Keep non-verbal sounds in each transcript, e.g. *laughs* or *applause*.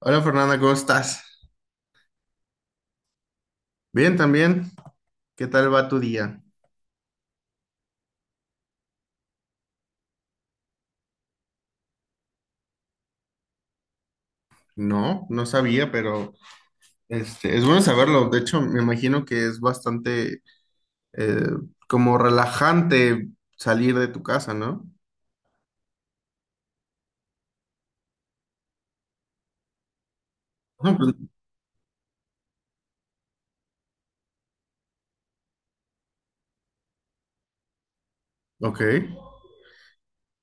Hola Fernanda, ¿cómo estás? Bien, también. ¿Qué tal va tu día? No, no sabía, pero es bueno saberlo. De hecho, me imagino que es bastante eh, como relajante salir de tu casa, ¿no? No, pues, ok.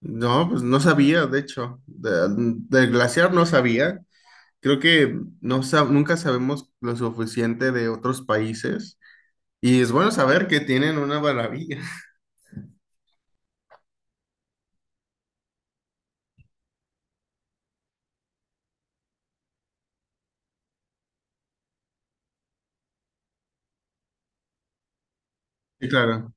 No, pues no sabía, de hecho. Del glaciar no sabía. Creo que nunca sabemos lo suficiente de otros países. Y es bueno saber que tienen una maravilla. Sí, claro.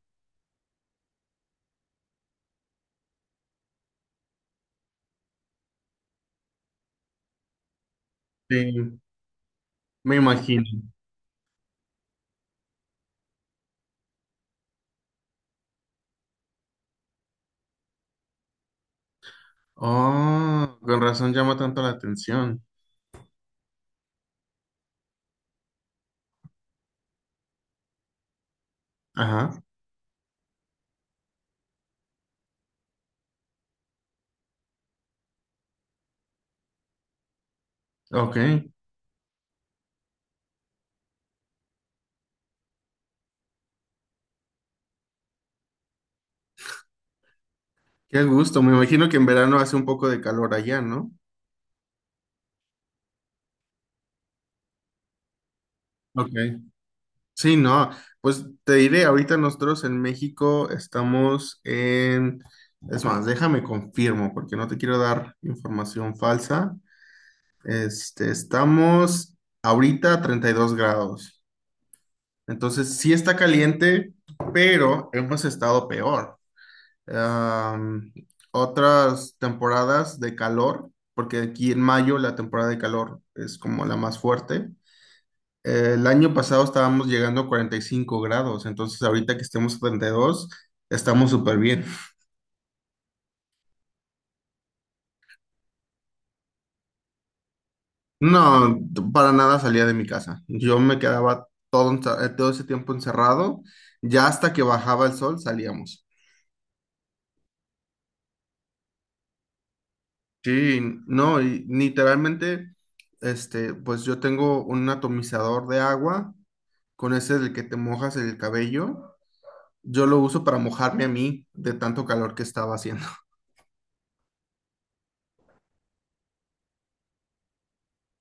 Sí, me imagino. Oh, con razón llama tanto la atención. Ajá. Ok. Qué gusto. Me imagino que en verano hace un poco de calor allá, ¿no? Ok. Sí, no. Pues te diré, ahorita nosotros en México estamos en... Es más, déjame confirmo porque no te quiero dar información falsa. Estamos ahorita a 32 grados. Entonces, sí está caliente, pero hemos estado peor. Am, Otras temporadas de calor, porque aquí en mayo la temporada de calor es como la más fuerte. El año pasado estábamos llegando a 45 grados, entonces ahorita que estemos a 32 estamos súper bien. No, para nada salía de mi casa. Yo me quedaba todo, todo ese tiempo encerrado. Ya hasta que bajaba el sol salíamos. Sí, no, y literalmente, pues yo tengo un atomizador de agua, con ese del que te mojas el cabello. Yo lo uso para mojarme a mí de tanto calor que estaba haciendo. *laughs*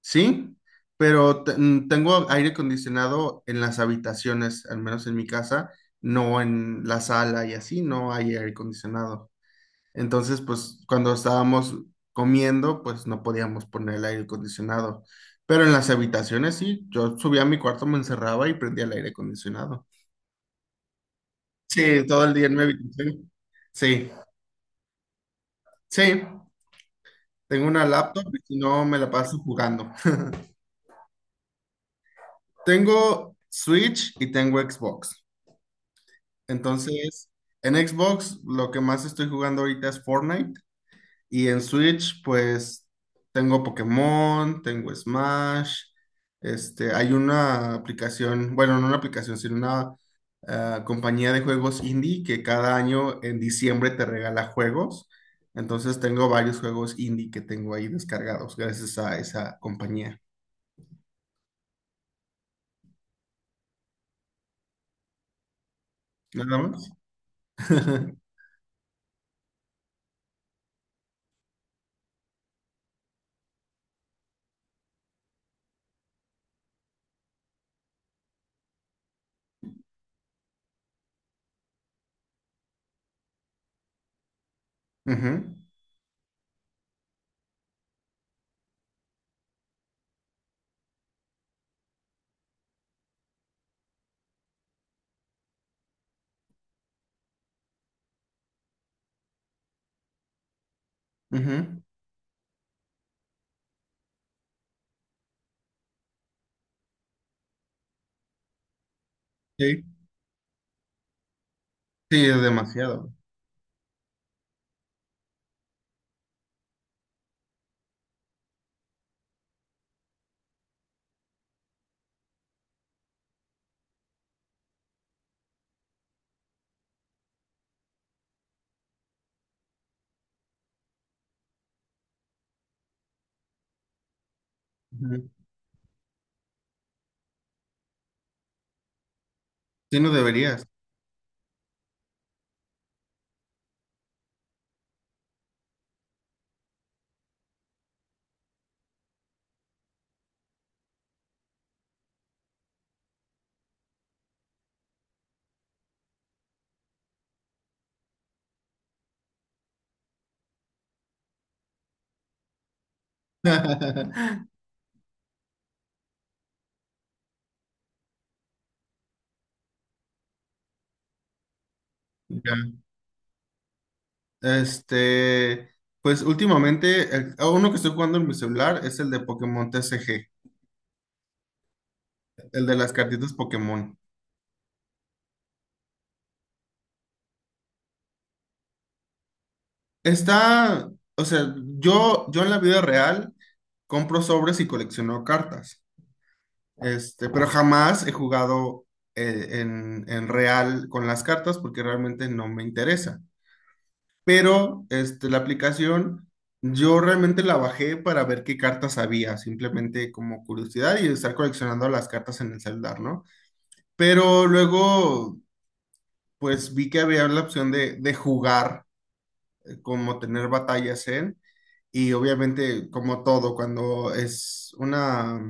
Sí, pero tengo aire acondicionado en las habitaciones, al menos en mi casa, no en la sala y así no hay aire acondicionado. Entonces, pues cuando estábamos comiendo, pues no podíamos poner el aire acondicionado. Pero en las habitaciones sí, yo subía a mi cuarto, me encerraba y prendía el aire acondicionado. Sí, todo el día en mi habitación. Sí, sí, tengo una laptop y si no me la paso jugando. *laughs* Tengo Switch y tengo Xbox. Entonces, en Xbox lo que más estoy jugando ahorita es Fortnite. Y en Switch, pues tengo Pokémon, tengo Smash, hay una aplicación, bueno, no una aplicación, sino una compañía de juegos indie que cada año en diciembre te regala juegos. Entonces tengo varios juegos indie que tengo ahí descargados gracias a esa compañía. Nada más. *laughs* Ujú, ujú. Sí, sí, es demasiado. Ujú. Sí, no deberías. *laughs* Ya. Este, pues últimamente, a uno que estoy jugando en mi celular es el de Pokémon TCG, el de las cartitas Pokémon. Está, o sea, yo en la vida real compro sobres y colecciono cartas, pero jamás he jugado en real con las cartas porque realmente no me interesa. Pero, la aplicación, yo realmente la bajé para ver qué cartas había, simplemente como curiosidad y estar coleccionando las cartas en el celular, ¿no? Pero luego, pues vi que había la opción de jugar, como tener batallas en, y obviamente, como todo, cuando es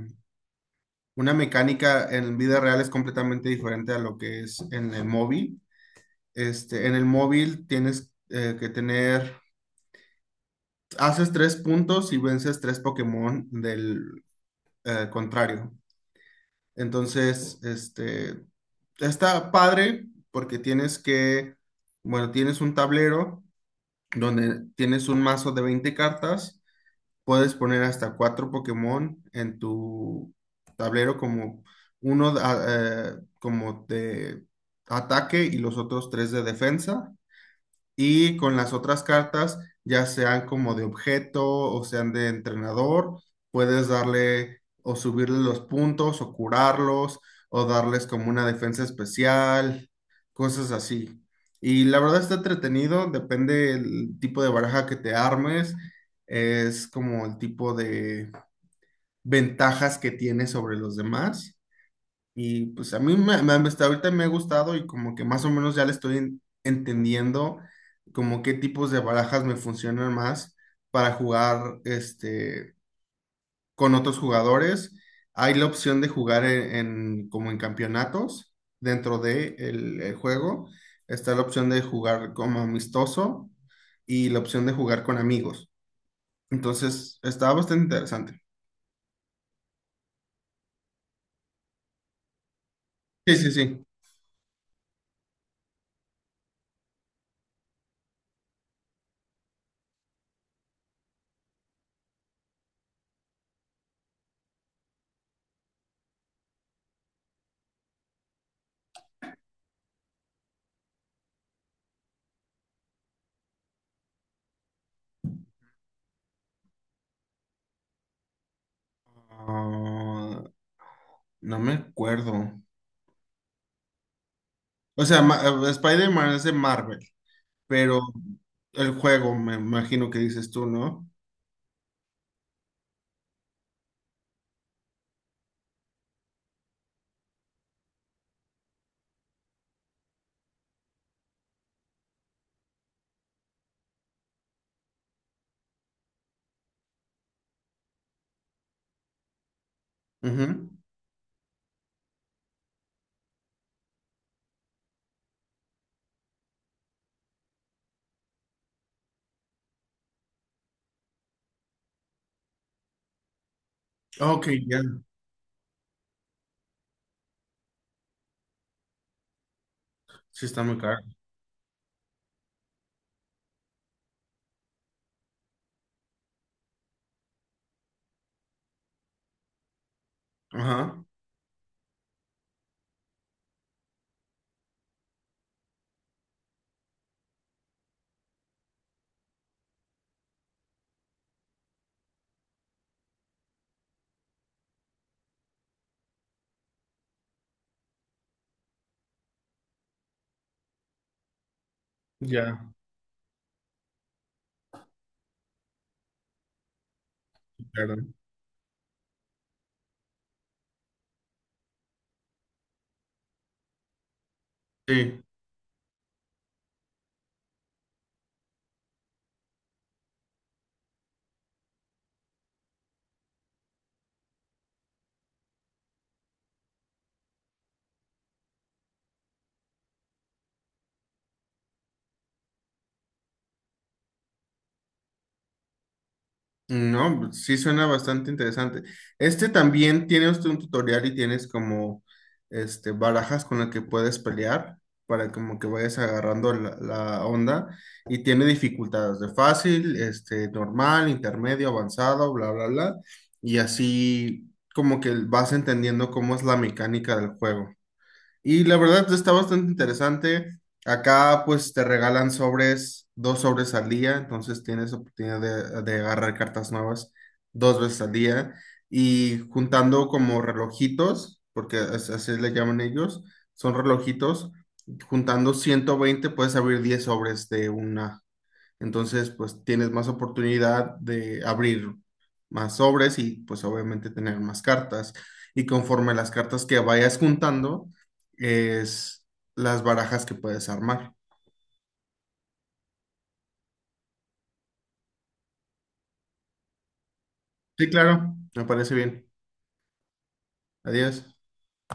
una mecánica en vida real es completamente diferente a lo que es en el móvil. En el móvil tienes haces tres puntos y vences tres Pokémon del contrario. Entonces, está padre porque tienes que, bueno, tienes un tablero donde tienes un mazo de 20 cartas, puedes poner hasta cuatro Pokémon en tu tablero como uno como de ataque y los otros tres de defensa y con las otras cartas, ya sean como de objeto o sean de entrenador, puedes darle o subirle los puntos o curarlos o darles como una defensa especial, cosas así. Y la verdad está entretenido, depende del tipo de baraja que te armes, es como el tipo de ventajas que tienes sobre los demás. Y pues a mí hasta ahorita me ha gustado y como que más o menos ya le estoy entendiendo como qué tipos de barajas me funcionan más para jugar con otros jugadores. Hay la opción de jugar como en campeonatos dentro de el juego. Está la opción de jugar como amistoso y la opción de jugar con amigos. Entonces, está bastante interesante. Sí, sí, sí. Ah, no me acuerdo. O sea, Spider-Man es de Marvel, pero el juego, me imagino que dices tú, ¿no? Ujú. Ok, ya. Sí está muy caro. Ajá. Ya, claro. Sí. No, pues, sí suena bastante interesante. Este también tiene usted un tutorial y tienes como este barajas con las que puedes pelear para como que vayas agarrando la onda y tiene dificultades de fácil, este normal, intermedio, avanzado, bla, bla, bla. Y así como que vas entendiendo cómo es la mecánica del juego. Y la verdad está bastante interesante. Acá pues te regalan sobres, dos sobres al día, entonces tienes oportunidad de agarrar cartas nuevas dos veces al día y juntando como relojitos, porque así le llaman ellos, son relojitos, juntando 120 puedes abrir 10 sobres de una. Entonces, pues tienes más oportunidad de abrir más sobres y pues obviamente tener más cartas. Y conforme las cartas que vayas juntando, es las barajas que puedes armar. Sí, claro, me parece bien. Adiós.